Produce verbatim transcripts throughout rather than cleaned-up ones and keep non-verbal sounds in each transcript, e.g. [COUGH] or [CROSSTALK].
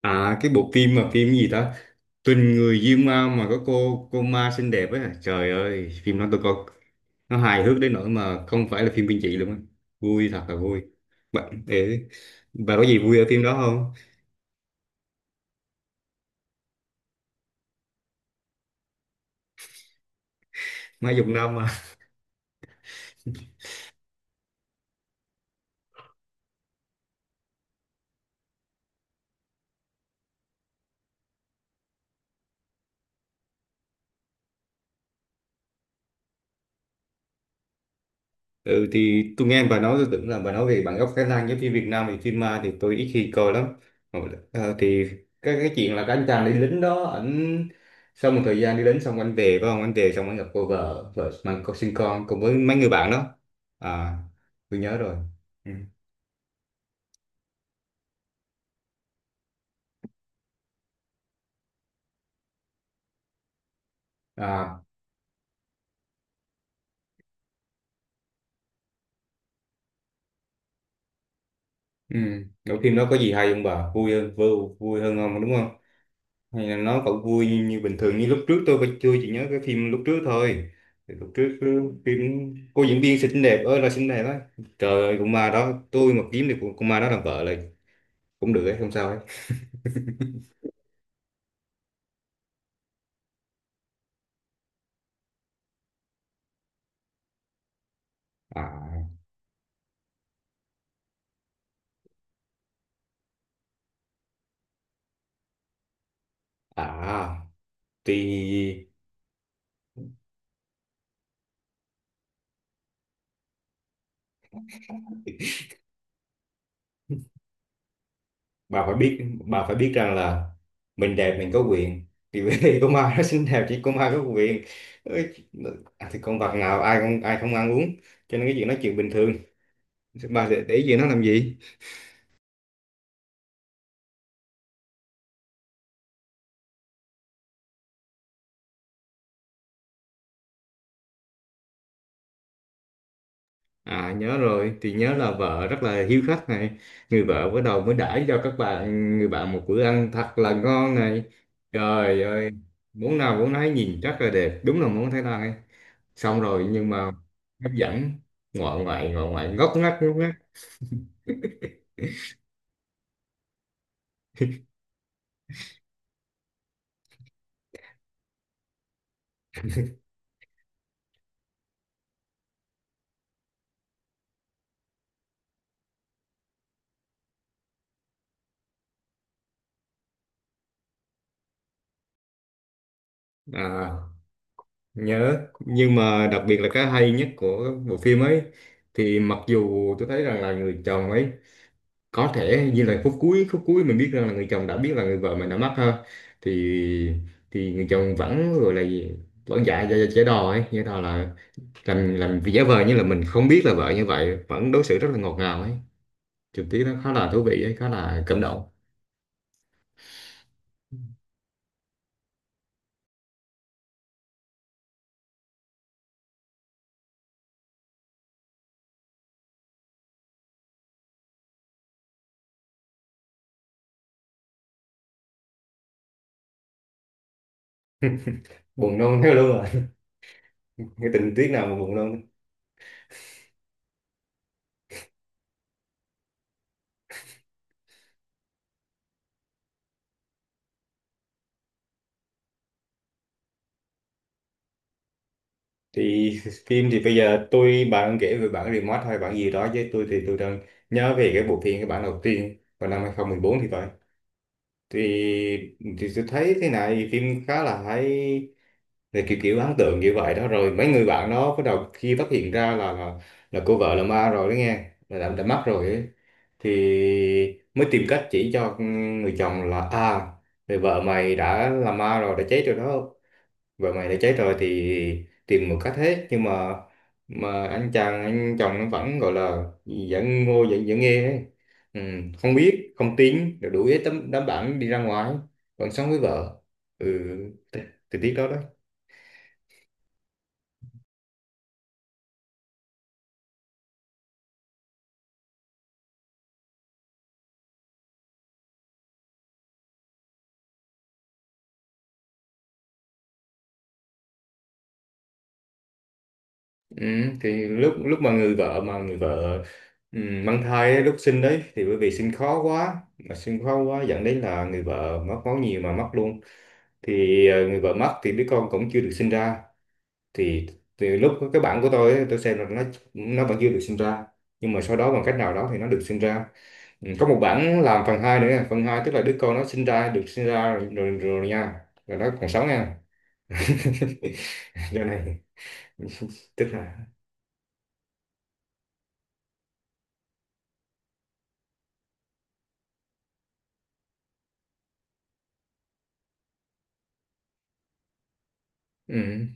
À, cái bộ phim mà phim gì đó, Tình người Diêm Ma, mà có cô cô ma xinh đẹp ấy à. Trời ơi, phim đó tôi coi nó hài hước đến nỗi mà không phải là phim kinh dị luôn á, vui thật là vui. Bạn để, bà có gì vui ở phim đó không? Má Dục Năm. Ừ, thì tôi nghe bà nói tôi tưởng là bà nói về bản gốc Thái Lan, giống như Việt Nam thì phim ma thì tôi ít khi coi lắm. Ờ, ờ, thì cái cái chuyện là cái anh chàng đi lính đó ảnh, sau một thời gian đi lính xong anh về, phải không, anh về xong anh gặp cô vợ, vợ mang con sinh con cùng với mấy người bạn đó. À, tôi nhớ rồi. Ừ. À. Ừ. Cái phim đó có gì hay không bà, vui hơn vui, vui hơn không đúng không, hay là nó vẫn vui như bình thường như lúc trước? Tôi tôi chỉ nhớ cái phim lúc trước thôi. Thì lúc trước cứ phim cô diễn viên xinh đẹp ơi là xinh đẹp á, trời ơi cũng ma đó, tôi mà kiếm được con con ma đó làm vợ là cũng được ấy, không sao ấy. À à thì bà phải biết bà phải biết rằng là mình đẹp mình có quyền, thì [LAUGHS] bởi vì con ma nó xinh đẹp, chỉ con ma có quyền. Ôi, à, thì con vật nào ai không ai không ăn uống, cho nên cái chuyện nói chuyện bình thường, bà để, để ý gì nó làm gì. À nhớ rồi, thì nhớ là vợ rất là hiếu khách này, người vợ bắt đầu mới đãi cho các bạn, người bạn một bữa ăn thật là ngon này. Trời ơi, món nào món nấy nhìn rất là đẹp, đúng là món Thái Lan ấy. Xong rồi nhưng mà hấp dẫn, ngoại ngoại ngoại ngoại ngóc ngách ngóc ngách. À nhớ, nhưng mà đặc biệt là cái hay nhất của bộ phim ấy, thì mặc dù tôi thấy rằng là người chồng ấy có thể như là phút cuối phút cuối mình biết rằng là người chồng đã biết là người vợ mình đã mất ha, thì thì người chồng vẫn gọi là gì? Vẫn dạ dạ dạ giả đò ấy, giả đò là làm làm vì giả vờ như là mình không biết là vợ, như vậy vẫn đối xử rất là ngọt ngào ấy, trực tiếp nó khá là thú vị ấy, khá là cảm động. Buồn nôn thế luôn rồi. [LAUGHS] Cái tình tiết nào mà buồn nôn? Thì phim thì bây giờ tôi bạn kể về bản remote hay bản gì đó, chứ tôi thì tôi đang nhớ về cái bộ phim, cái bản đầu tiên vào năm hai không một bốn thì phải, thì thì tôi thấy thế này, phim khá là hay, rồi kiểu kiểu ấn tượng như vậy đó, rồi mấy người bạn đó bắt đầu khi phát hiện ra là là, là cô vợ là ma rồi đó, nghe là đã, đã mất rồi ấy. Thì mới tìm cách chỉ cho người chồng là, à, người vợ mày đã là ma rồi, đã chết rồi đó, vợ mày đã cháy rồi thì tìm một cách hết, nhưng mà mà anh chàng anh chồng nó vẫn gọi là vẫn ngô vẫn vẫn nghe ấy. Ừ, không biết không tin rồi đuổi hết tấm đám bạn đi ra ngoài, vẫn sống với vợ. Ừ. t- thì tiếc đó đó. Ừ, thì lúc lúc mà người vợ mà người vợ ừ, mang thai ấy, lúc sinh đấy thì bởi vì sinh khó quá mà sinh khó quá dẫn đến là người vợ mất máu nhiều mà mất luôn. Thì ờ, người vợ mất thì đứa con cũng chưa được sinh ra. Thì từ lúc cái bản của tôi ấy, tôi xem là nó nó vẫn chưa được sinh ra, nhưng mà sau đó bằng cách nào đó thì nó được sinh ra. Ừ, có một bản làm phần hai nữa nha. Phần hai tức là đứa con nó sinh ra được sinh ra rồi, rồi, rồi nha, rồi nó còn sống nha. [LAUGHS] Do này. [LAUGHS] Tức là, ừ,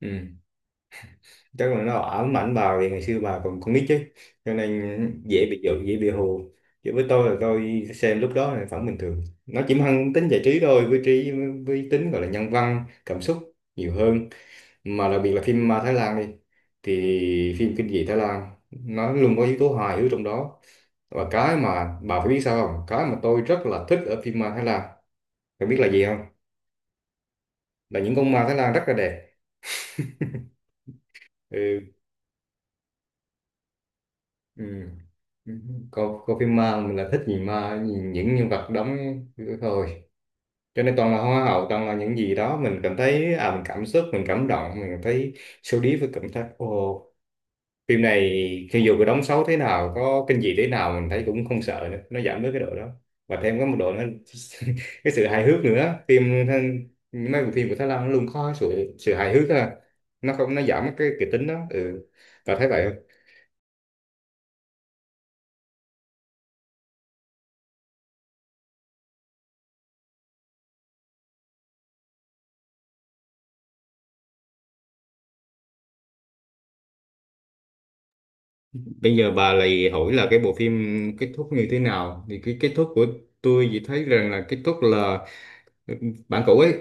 ừ. Chắc là nó ám ảnh vào, thì ngày xưa bà còn con nít chứ, cho nên dễ bị giận, dễ bị hù. Chứ với tôi là tôi xem lúc đó là vẫn bình thường, nó chỉ mang tính giải trí thôi với trí, với tính gọi là nhân văn cảm xúc nhiều hơn. Mà đặc biệt là phim ma Thái Lan đi, thì phim kinh dị Thái Lan nó luôn có yếu tố hài hước trong đó. Và cái mà bà phải biết sao không, cái mà tôi rất là thích ở phim ma Thái Lan, bạn biết là gì không? Là những con ma Thái Lan rất là đẹp. Ừ, ừ. Coi, coi phim ma mình là thích nhìn ma, nhìn những nhân vật đóng thôi, cho nên toàn là hoa hậu, toàn là những gì đó mình cảm thấy, à, mình cảm xúc mình cảm động mình cảm thấy sâu đi với cảm giác ồ, phim này khi dù có đóng xấu thế nào, có kinh dị thế nào, mình thấy cũng không sợ nữa, nó giảm bớt cái độ đó, và thêm có một độ nó [LAUGHS] cái sự hài hước nữa. Phim Thái- mấy bộ phim của Thái Lan nó luôn có sự sự hài hước à, nó không nó giảm cái kịch tính đó. Ừ. Và thấy vậy không? Bây giờ bà lại hỏi là cái bộ phim kết thúc như thế nào, thì cái kết thúc của, tôi chỉ thấy rằng là kết thúc là bạn cũ ấy,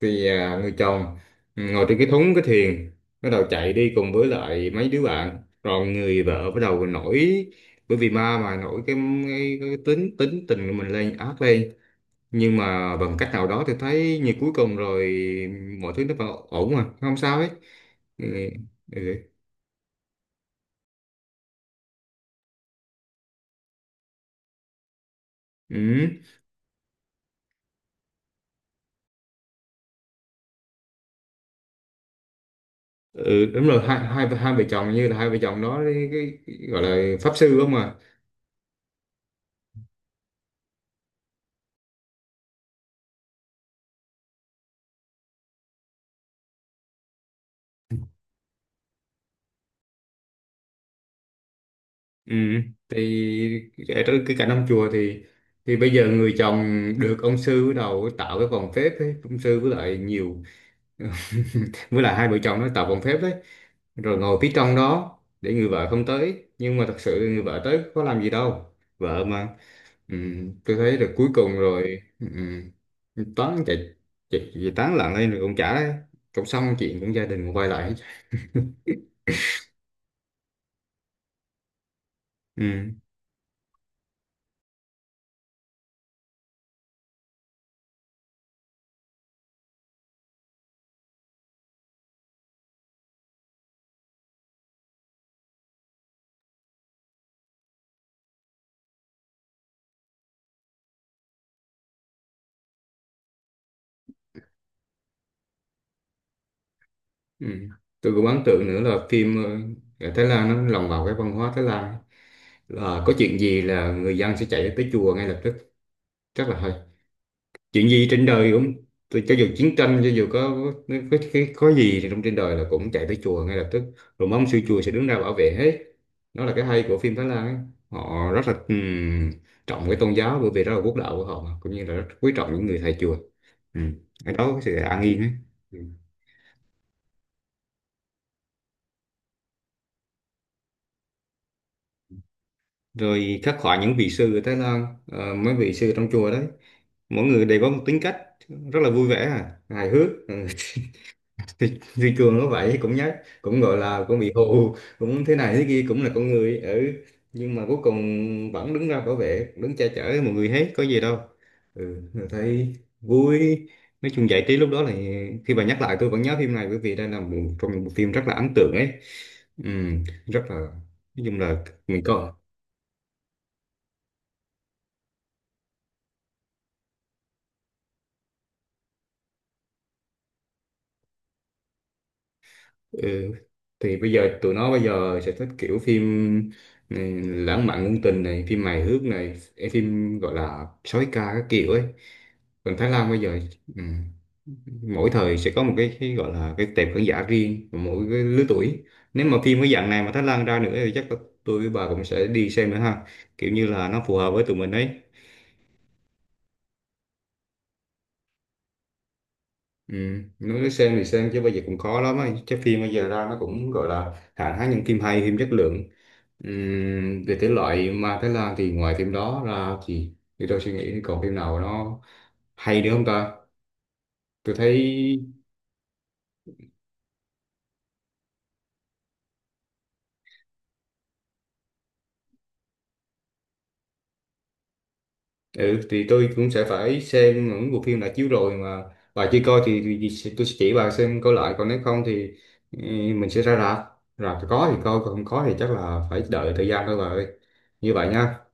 thì à, người chồng, ừ, ngồi trên cái thúng cái thuyền bắt đầu chạy đi cùng với lại mấy đứa bạn, rồi người vợ bắt đầu nổi, bởi vì ma mà nổi cái, cái, cái tính tính tình của mình lên, ác lên, nhưng mà bằng cách nào đó thì thấy như cuối cùng rồi mọi thứ nó vẫn ổn mà không sao hết. Ừ, ừ, ừ, ừ, đúng rồi, hai hai hai vợ chồng như là hai vợ chồng đó, cái, cái, gọi là pháp sư không à? Ừ, thì ở trong cái cảnh ông chùa thì thì bây giờ người chồng được ông sư bắt đầu tạo cái vòng phép ấy. Ông sư với lại nhiều [LAUGHS] với lại hai vợ chồng nó tạo vòng phép đấy, rồi ngồi phía trong đó để người vợ không tới, nhưng mà thật sự người vợ tới có làm gì đâu. Vợ mà. Ừ, tôi thấy là cuối cùng rồi, ừ, ừ, toán chạy chạy chạy tán loạn lên rồi cũng chả, cũng xong chuyện, cũng gia đình cũng quay lại hết. Ừ. Ừ. Tôi cũng ấn tượng nữa là phim ờ, ở Thái Lan nó lồng vào cái văn hóa Thái Lan ấy. Là có chuyện gì là người dân sẽ chạy tới chùa ngay lập tức, rất là hay. Chuyện gì trên đời cũng, tôi cho dù chiến tranh cho dù có có, có, có gì thì trong trên đời là cũng chạy tới chùa ngay lập tức, rồi mong sư chùa sẽ đứng ra bảo vệ hết. Đó là cái hay của phim Thái Lan ấy. Họ rất là ừm, trọng cái tôn giáo, bởi vì đó là quốc đạo của họ, mà cũng như là rất quý trọng những người thầy chùa. Ừ. Cái đó có sự an yên ấy. Ừ. Rồi khắc họa những vị sư ở Thái Lan, ờ, mấy vị sư trong chùa đấy, mỗi người đều có một tính cách, rất là vui vẻ, à, hài hước. Ừ. [LAUGHS] thì, thì Cường nó vậy cũng nhát, cũng gọi là cũng bị hù, cũng thế này thế kia, cũng là con người. Ừ. Nhưng mà cuối cùng vẫn đứng ra bảo vệ, đứng che chở mọi người hết, có gì đâu. Ừ. Rồi thấy vui, nói chung giải trí lúc đó là, khi bà nhắc lại tôi vẫn nhớ phim này, bởi vì đây là một trong những bộ phim rất là ấn tượng ấy. Ừ. Rất là, nói chung là mình coi. Ừ. Thì bây giờ tụi nó bây giờ sẽ thích kiểu phim, ừ, lãng mạn ngôn tình này, phim hài hước này, ê, phim gọi là sói ca các kiểu ấy. Còn Thái Lan bây giờ, ừ, mỗi thời sẽ có một cái, cái gọi là cái tệp khán giả riêng của mỗi cái lứa tuổi. Nếu mà phim cái dạng này mà Thái Lan ra nữa thì chắc là tôi với bà cũng sẽ đi xem nữa ha. Kiểu như là nó phù hợp với tụi mình ấy. Ừ. Nói xem thì xem chứ bây giờ cũng khó lắm á. Chắc phim bây giờ ra nó cũng gọi là hạn hán những phim hay, phim chất lượng. Ừm, về thể loại ma Thái Lan thì ngoài phim đó ra thì thì tôi suy nghĩ thì còn phim nào nó hay nữa không ta? Tôi thấy, ừ, thì tôi cũng sẽ phải xem những bộ phim đã chiếu rồi mà bà chưa coi thì, thì, sẽ- tôi sẽ chỉ bà xem coi lại, còn nếu không thì ừ, mình sẽ ra rạp. Rạp thì có thì coi, còn không có thì chắc là phải đợi thời gian thôi bà ơi. Như vậy nha.